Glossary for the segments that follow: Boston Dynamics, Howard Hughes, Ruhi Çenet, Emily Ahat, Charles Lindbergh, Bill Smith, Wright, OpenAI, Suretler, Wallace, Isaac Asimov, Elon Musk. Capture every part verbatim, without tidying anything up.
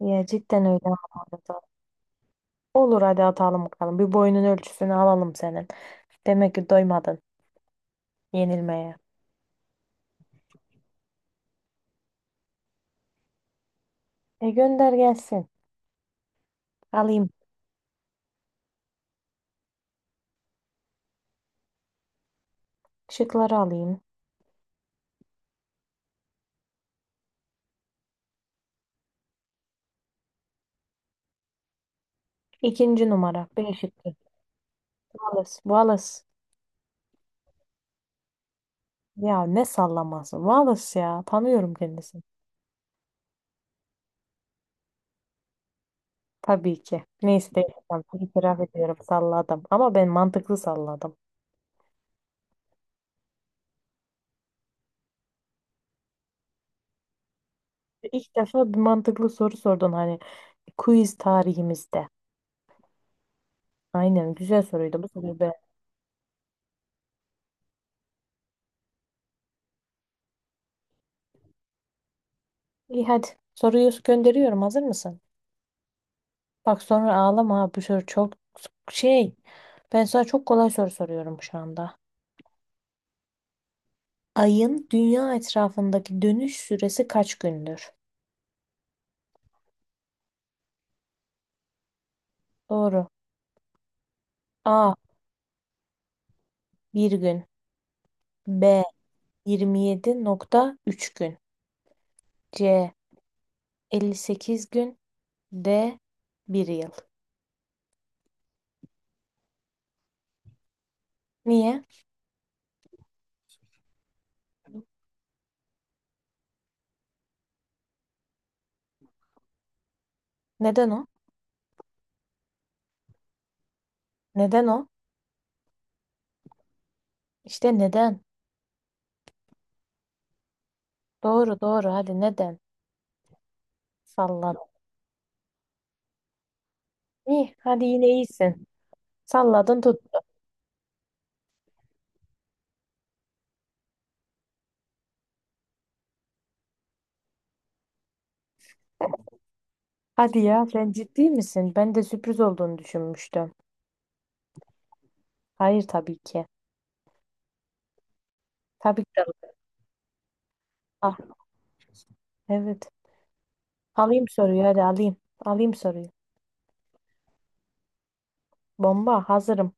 Ya cidden öyle ama arada. Olur hadi atalım bakalım. Bir boyunun ölçüsünü alalım senin. Demek ki doymadın yenilmeye. E, gönder gelsin. Alayım. Şıkları alayım. İkinci numara. B şıkkı. Wallace. Wallace. Ya ne sallaması. Wallace ya. Tanıyorum kendisini. Tabii ki. Neyse değil. İtiraf ediyorum. Salladım. Ama ben mantıklı salladım. İlk defa bir mantıklı soru sordun hani quiz tarihimizde. Aynen güzel soruydu. Bu soruyu İyi hadi. Soruyu gönderiyorum. Hazır mısın? Bak sonra ağlama. ha, Bu soru çok şey. Ben sana çok kolay soru soruyorum şu anda. Ayın dünya etrafındaki dönüş süresi kaç gündür? Doğru. A. Bir gün. B. yirmi yedi nokta üç gün. C. elli sekiz gün. D. Bir yıl. Niye? Neden o? Neden o? İşte neden? Doğru, doğru, hadi neden? Salladım. İyi hadi yine iyisin. Salladın tut. Hadi ya sen ciddi misin? Ben de sürpriz olduğunu düşünmüştüm. Hayır tabii ki. Tabii ki. de- Ah evet. Alayım soruyu hadi alayım. Alayım soruyu. Bomba hazırım.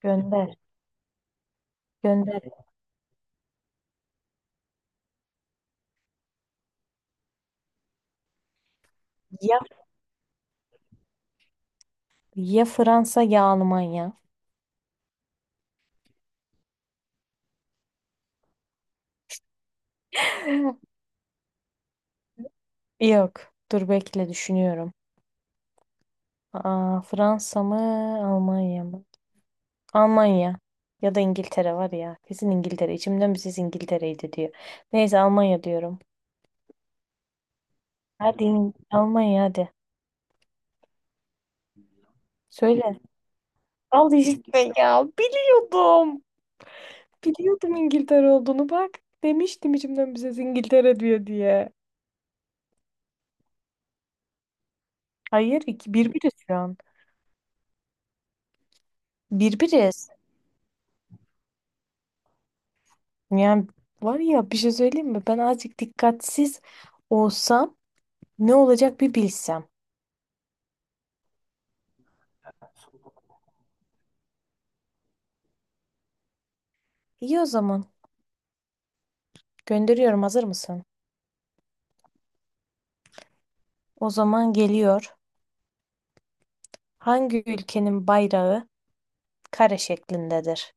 Gönder. Gönder. Ya, ya Fransa ya Almanya. Yok. Dur bekle düşünüyorum. Aa, Fransa mı Almanya mı? Almanya. Ya da İngiltere var ya. Kesin İngiltere. İçimden bir ses İngiltere'ydi diyor. Neyse Almanya diyorum. Hadi İng- Almanya hadi. Söyle. Al işte ya. Biliyordum. Biliyordum İngiltere olduğunu bak. Demiştim içimden bize İngiltere diyor diye. Hayır, iki, birbiriz şu an. Birbiriz. Yani var ya bir şey söyleyeyim mi? Ben azıcık dikkatsiz olsam ne olacak bir bilsem. İyi o zaman. Gönderiyorum hazır mısın? O zaman geliyor. Hangi ülkenin bayrağı kare şeklindedir?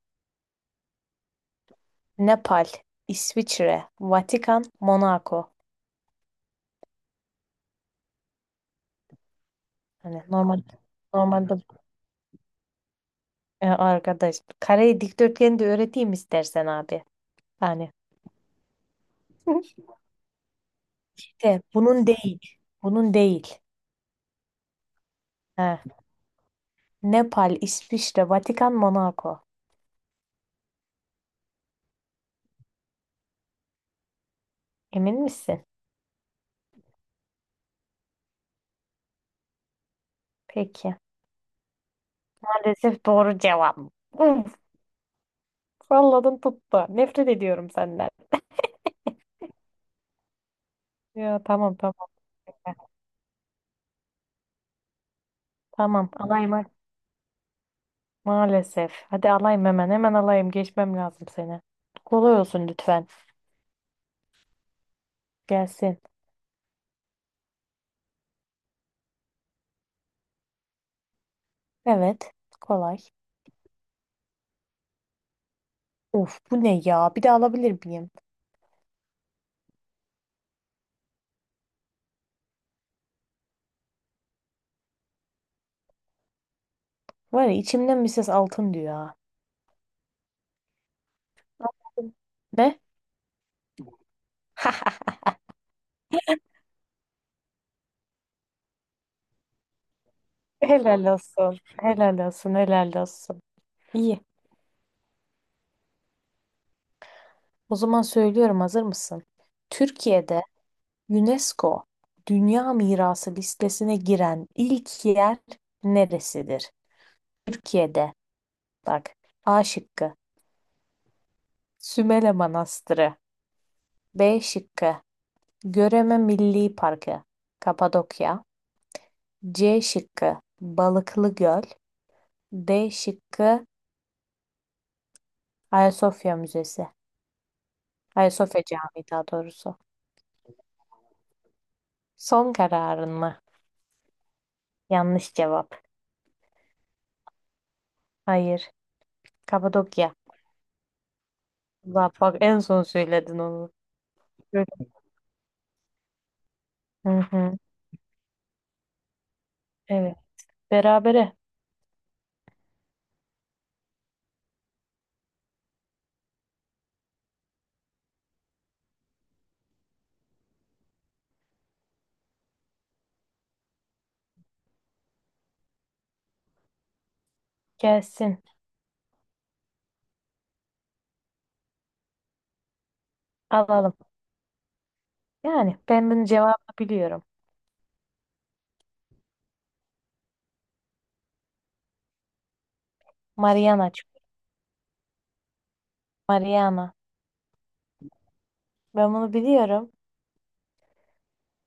Nepal, İsviçre, Vatikan, Monaco. Hani normal normalde, E, arkadaş kare dikdörtgeni de öğreteyim istersen abi. Yani de, bunun değil. Bunun değil. Ha. Nepal, İsviçre, Vatikan, Monaco. Emin misin? Peki. Maalesef doğru cevap. Uf, salladın tuttu. Nefret ediyorum senden. Ya tamam, tamam. Ya. Tamam alayım. Ha. Maalesef. Hadi alayım hemen. Hemen alayım. Geçmem lazım seni. Kolay olsun lütfen. Gelsin. Evet. Kolay. Of bu ne ya? Bir de alabilir miyim? Var ya içimden bir ses altın diyor ha. Ne? Helal olsun. Helal olsun. Helal olsun. İyi. O zaman söylüyorum hazır mısın? Türkiye'de UNESCO Dünya Mirası listesine giren ilk yer neresidir? Türkiye'de bak. A şıkkı Sümele Manastırı. B şıkkı Göreme Milli Parkı, Kapadokya. C şıkkı Balıklı Göl. D şıkkı Ayasofya Müzesi. Hayır, Sofya Camii daha doğrusu. Son kararın mı? Yanlış cevap. Hayır. Kapadokya. Allah, bak en son söyledin onu. Şöyle. Hı hı. Evet. Berabere gelsin. Alalım. Yani ben bunun cevabını biliyorum. Mariana. çık- Mariana. Ben bunu biliyorum.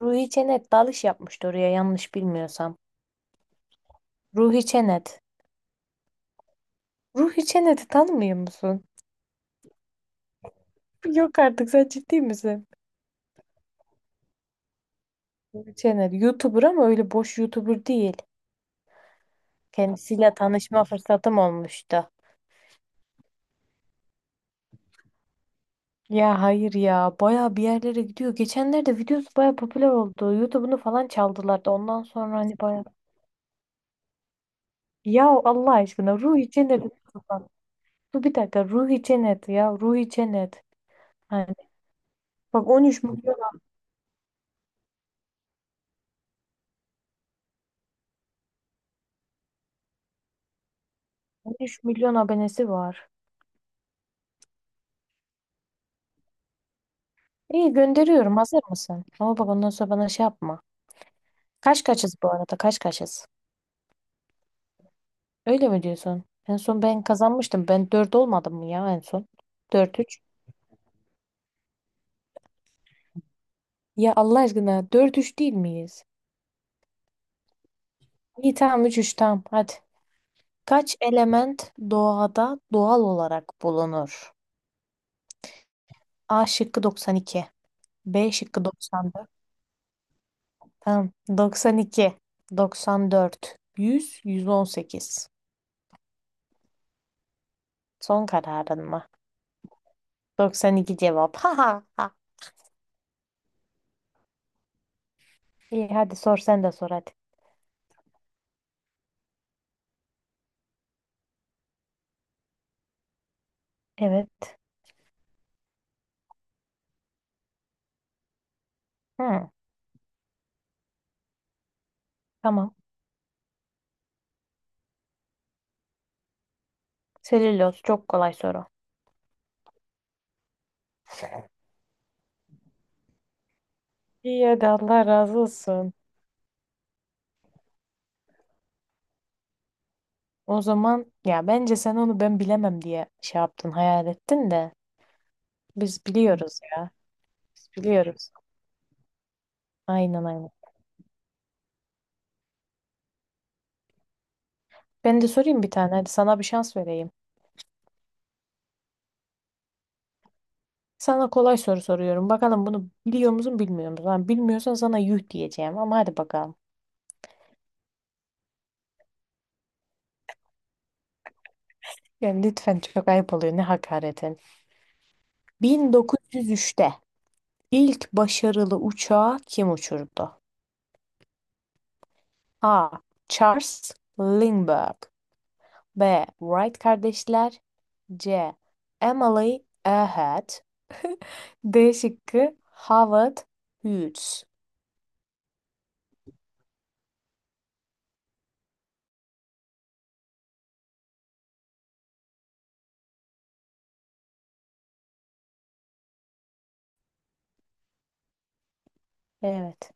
Ruhi Çenet dalış yapmıştı oraya yanlış bilmiyorsam. Ruhi Çenet. Ruhi Çenet'i tanımıyor musun? Yok artık sen ciddi misin? Ruhi Çenet. YouTuber ama öyle boş YouTuber değil. Kendisiyle tanışma fırsatım olmuştu. Ya hayır ya baya bir yerlere gidiyor. Geçenlerde videosu baya popüler oldu. YouTube'unu falan çaldılar da ondan sonra hani baya. Ya Allah aşkına Ruhi Cennet. Dur bir dakika, Ruhi Cennet ya, Ruhi Cennet. Hani bak, on üç milyon on üç milyon abonesi var. İyi, gönderiyorum hazır mısın? Ama bak ondan sonra bana şey yapma. Kaç kaçız bu arada, kaç kaçız? Öyle mi diyorsun? En son ben kazanmıştım. Ben dört olmadım mı ya en son? Dört üç. Ya Allah aşkına dört üç değil miyiz? İyi tamam, üç 3, tamam hadi. Kaç element doğada doğal olarak bulunur? A şıkkı doksan iki, B şıkkı doksan dört. Tamam, doksan iki, doksan dört, yüz, yüz on sekiz. Son kararın mı? Doksan iki cevap. Ha ha ha. İyi hadi sor, sen de sor hadi. Evet. Hı, tamam. Selüloz çok kolay soru. İyi hadi, Allah razı olsun. O zaman ya bence sen onu ben bilemem diye şey yaptın, hayal ettin de biz biliyoruz ya. Biz biliyoruz. Aynen, aynen. Ben de sorayım bir tane. Hadi sana bir şans vereyim. Sana kolay soru soruyorum. Bakalım bunu biliyor musun, bilmiyor musun? Ha, bilmiyorsan sana yuh diyeceğim ama hadi bakalım. Yani lütfen, çok ayıp oluyor. Ne hakaretin. bin dokuz yüz üçte ilk başarılı uçağı kim uçurdu? A. Charles Lindbergh. B. Wright kardeşler. C. Emily Ahat. D şıkkı Howard Hughes. Evet.